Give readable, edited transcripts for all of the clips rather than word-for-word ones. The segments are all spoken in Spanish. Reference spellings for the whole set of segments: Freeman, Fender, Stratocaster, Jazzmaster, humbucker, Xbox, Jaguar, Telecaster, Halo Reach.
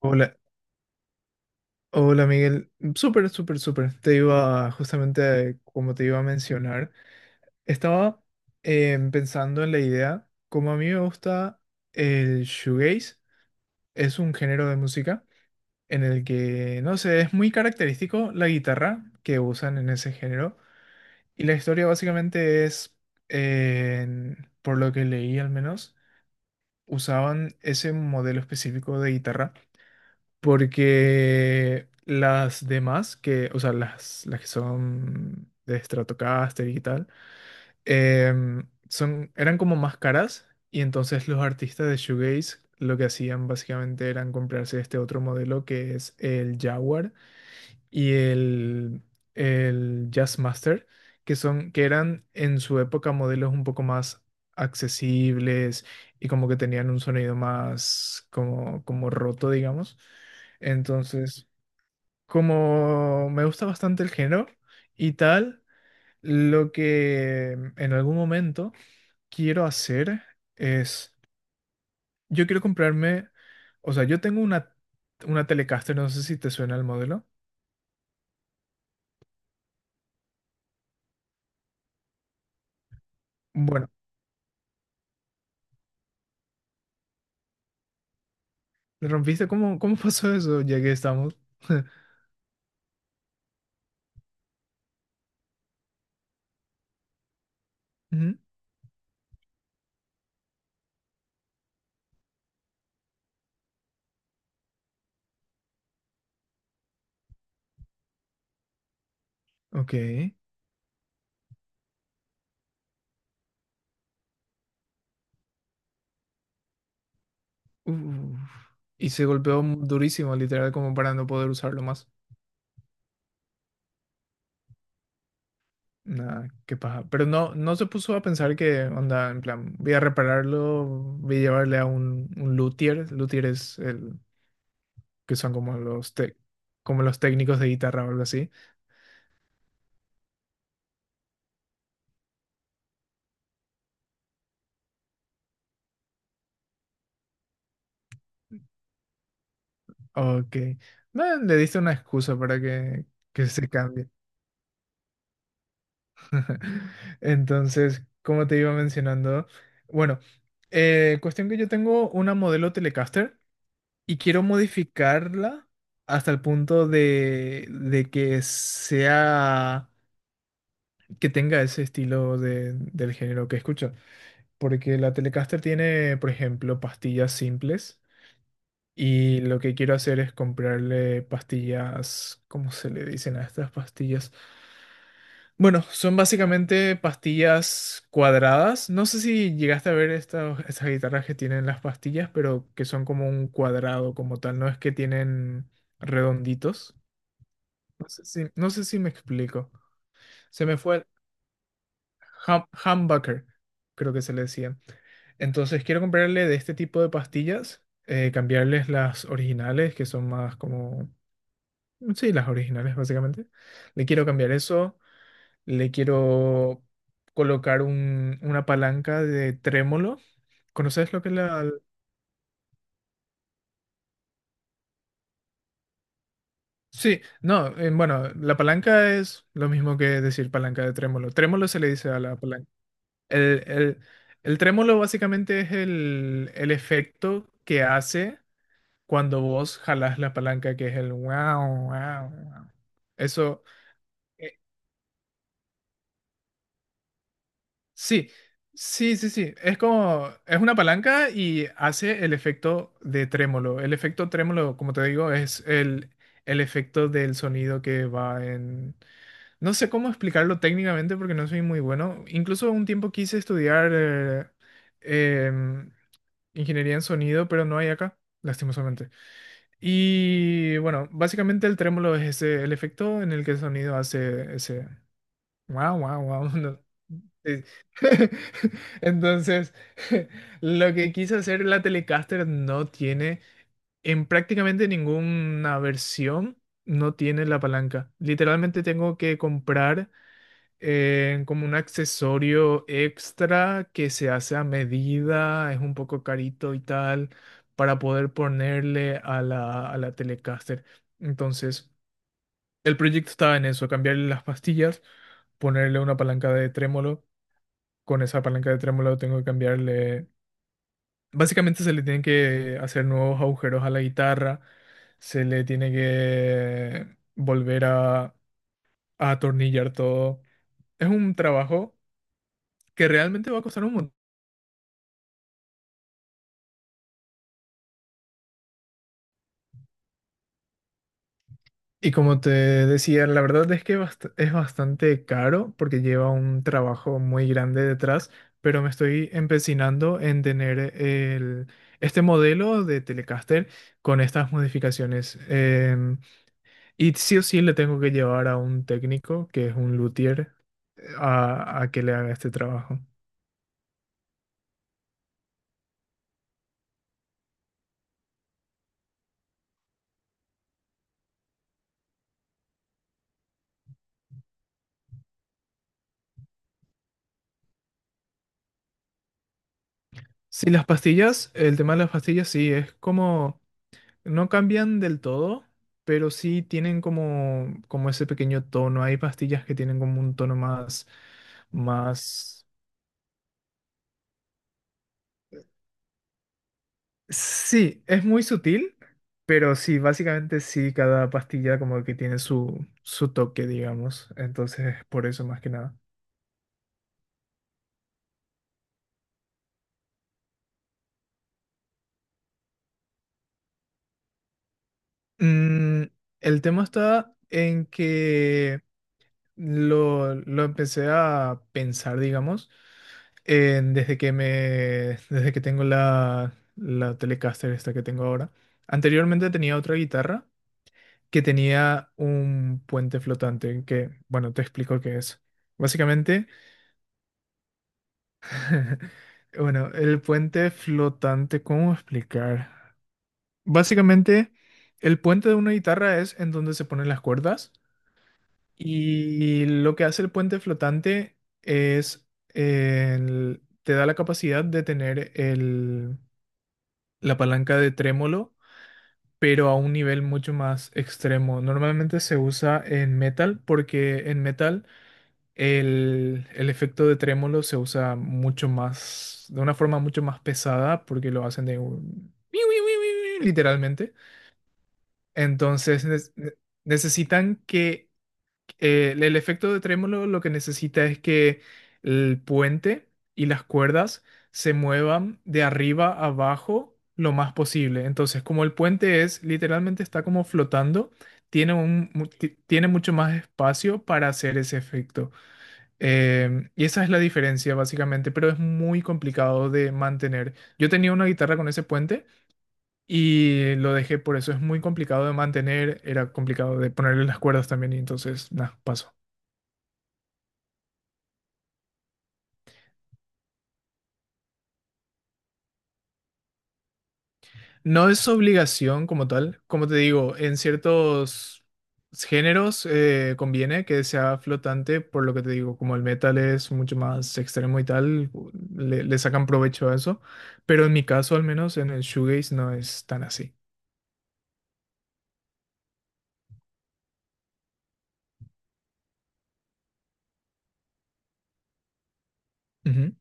Hola, hola Miguel. Súper, súper, súper. Te iba justamente, como te iba a mencionar, estaba pensando en la idea, como a mí me gusta el shoegaze, es un género de música en el que, no sé, es muy característico la guitarra que usan en ese género. Y la historia básicamente es, por lo que leí al menos, usaban ese modelo específico de guitarra. Porque las demás, que, o sea, las que son de Stratocaster y tal, son, eran como más caras. Y entonces los artistas de Shoegaze lo que hacían básicamente eran comprarse este otro modelo que es el Jaguar y el Jazzmaster, que son, que eran en su época modelos un poco más accesibles y como que tenían un sonido más como, como roto, digamos. Entonces, como me gusta bastante el género y tal, lo que en algún momento quiero hacer es, yo quiero comprarme, o sea, yo tengo una Telecaster, no sé si te suena el modelo. Bueno. ¿Le rompiste? ¿Cómo, cómo pasó eso? Ya que estamos. Ujú. Ok. Uf. Y se golpeó durísimo, literal, como para no poder usarlo más. Nada, qué paja. Pero no, no se puso a pensar que, onda, en plan, voy a repararlo, voy a llevarle a un luthier. Luthier es el que son como los, como los técnicos de guitarra o algo así. Ok. No, le diste una excusa para que se cambie. Entonces, como te iba mencionando, bueno, cuestión que yo tengo una modelo Telecaster y quiero modificarla hasta el punto de que sea, que tenga ese estilo del género que escucho. Porque la Telecaster tiene, por ejemplo, pastillas simples y lo que quiero hacer es comprarle pastillas, ¿cómo se le dicen a estas pastillas? Bueno, son básicamente pastillas cuadradas. No sé si llegaste a ver estas guitarras que tienen las pastillas, pero que son como un cuadrado como tal, no es que tienen redonditos. No sé si, no sé si me explico. Se me fue el humbucker, creo que se le decían. Entonces quiero comprarle de este tipo de pastillas, cambiarles las originales, que son más como... Sí, las originales básicamente. Le quiero cambiar eso. Le quiero colocar una palanca de trémolo. ¿Conoces lo que es la...? Sí, no, bueno, la palanca es lo mismo que decir palanca de trémolo. Trémolo se le dice a la palanca. El, el, el trémolo básicamente es el efecto que hace cuando vos jalás la palanca, que es el wow, wow, wow. Eso. eh, Sí, sí, sí, sí. Es como, es una palanca y hace el efecto de trémolo. El efecto trémolo, como te digo, es el efecto del sonido que va en... No sé cómo explicarlo técnicamente porque no soy muy bueno. Incluso un tiempo quise estudiar em, ingeniería en sonido, pero no hay acá, lastimosamente. Y bueno, básicamente el trémolo es ese, el efecto en el que el sonido hace ese. Wow, wow, wow. No, sí. Entonces, lo que quiso hacer la Telecaster no tiene, en prácticamente ninguna versión, no tiene la palanca. Literalmente tengo que comprar como un accesorio extra que se hace a medida, es un poco carito y tal, para poder ponerle a a la Telecaster. Entonces... El proyecto estaba en eso, cambiarle las pastillas, ponerle una palanca de trémolo. Con esa palanca de trémolo tengo que cambiarle... Básicamente se le tienen que hacer nuevos agujeros a la guitarra, se le tiene que volver a atornillar todo. Es un trabajo que realmente va a costar un montón. Y como te decía, la verdad es que es bastante caro porque lleva un trabajo muy grande detrás, pero me estoy empecinando en tener este modelo de Telecaster con estas modificaciones. Y sí o sí le tengo que llevar a un técnico, que es un luthier, a que le haga este trabajo. Sí, las pastillas, el tema de las pastillas sí, es como... No cambian del todo, pero sí tienen como, como ese pequeño tono. Hay pastillas que tienen como un tono más, más... Sí, es muy sutil, pero sí, básicamente sí, cada pastilla como que tiene su, su toque, digamos. Entonces, por eso más que nada. Mm, el tema está en que lo empecé a pensar, digamos, desde que me, desde que tengo la Telecaster esta que tengo ahora. Anteriormente tenía otra guitarra que tenía un puente flotante, que, bueno, te explico qué es. Básicamente, bueno, el puente flotante, ¿cómo explicar? Básicamente, el puente de una guitarra es en donde se ponen las cuerdas. Y lo que hace el puente flotante es, te da la capacidad de tener la palanca de trémolo, pero a un nivel mucho más extremo. Normalmente se usa en metal porque en metal el efecto de trémolo se usa mucho más, de una forma mucho más pesada porque lo hacen de un- literalmente. Entonces necesitan que el el efecto de trémolo lo que necesita es que el puente y las cuerdas se muevan de arriba a abajo lo más posible. Entonces, como el puente es literalmente está como flotando, tiene un, tiene mucho más espacio para hacer ese efecto. Y esa es la diferencia básicamente, pero es muy complicado de mantener. Yo tenía una guitarra con ese puente y lo dejé por eso. Es muy complicado de mantener, era complicado de ponerle las cuerdas también y entonces, nada, paso. No es obligación como tal. Como te digo, en ciertos géneros conviene que sea flotante, por lo que te digo, como el metal es mucho más extremo y tal, le sacan provecho a eso. Pero en mi caso, al menos en el shoegaze, no es tan así. Ujú,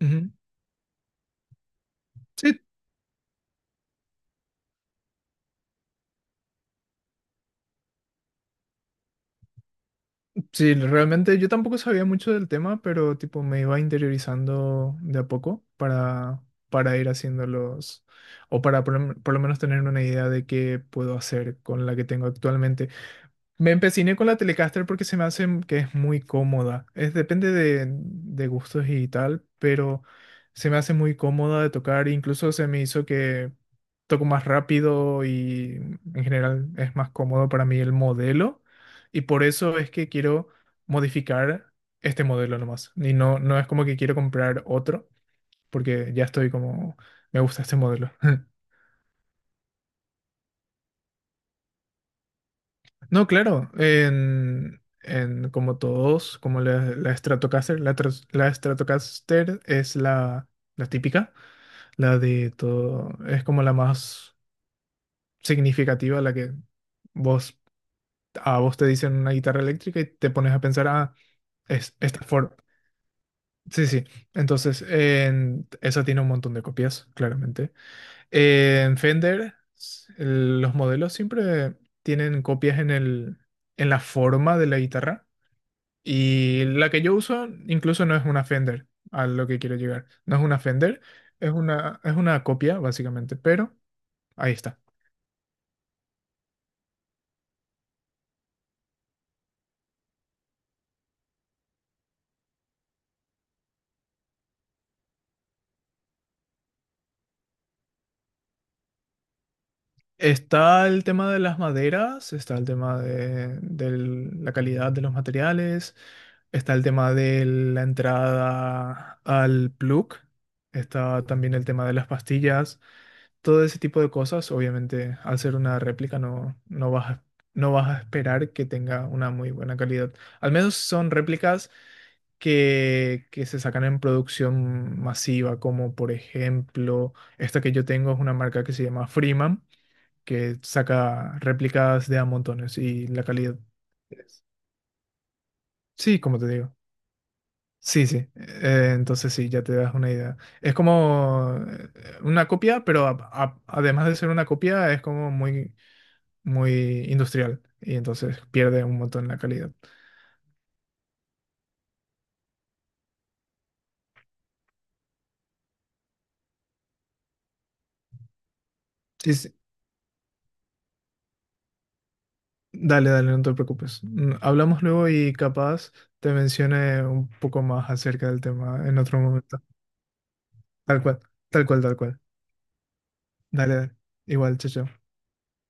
ujú. Sí, sí, realmente yo tampoco sabía mucho del tema, pero tipo me iba interiorizando de a poco para ir haciendo los, o para por, por lo menos tener una idea de qué puedo hacer con la que tengo actualmente. Me empeciné con la Telecaster porque se me hace que es muy cómoda. Es, depende de gustos y tal, pero se me hace muy cómoda de tocar. Incluso se me hizo que toco más rápido y en general es más cómodo para mí el modelo. Y por eso es que quiero modificar este modelo nomás. Y no, no es como que quiero comprar otro, porque ya estoy como, me gusta este modelo. No, claro, en como todos, como la Stratocaster, la Stratocaster es la típica, la de todo, es como la más significativa, la que vos, a vos te dicen una guitarra eléctrica y te pones a pensar, ah, es esta forma. Sí, sí, entonces en, esa tiene un montón de copias, claramente. En Fender, los modelos siempre tienen copias en en la forma de la guitarra. Y la que yo uso incluso no es una Fender, a lo que quiero llegar. No es una Fender, es una copia, básicamente, pero ahí está. Está el tema de las maderas, está el tema de la calidad de los materiales, está el tema de la entrada al plug, está también el tema de las pastillas. Todo ese tipo de cosas, obviamente, al ser una réplica no, no vas a, no vas a esperar que tenga una muy buena calidad. Al menos son réplicas que se sacan en producción masiva, como por ejemplo, esta que yo tengo es una marca que se llama Freeman, que saca réplicas de a montones y la calidad. es- Sí, como te digo. Sí, sí. Entonces sí, ya te das una idea. Es como una copia, pero además de ser una copia, es como muy industrial y entonces pierde un montón la calidad. Sí, sí. Dale, dale, no te preocupes. Mm, hablamos luego y capaz te mencione un poco más acerca del tema en otro momento. Tal cual, tal cual, tal cual. Dale, dale. Igual, chao, chao.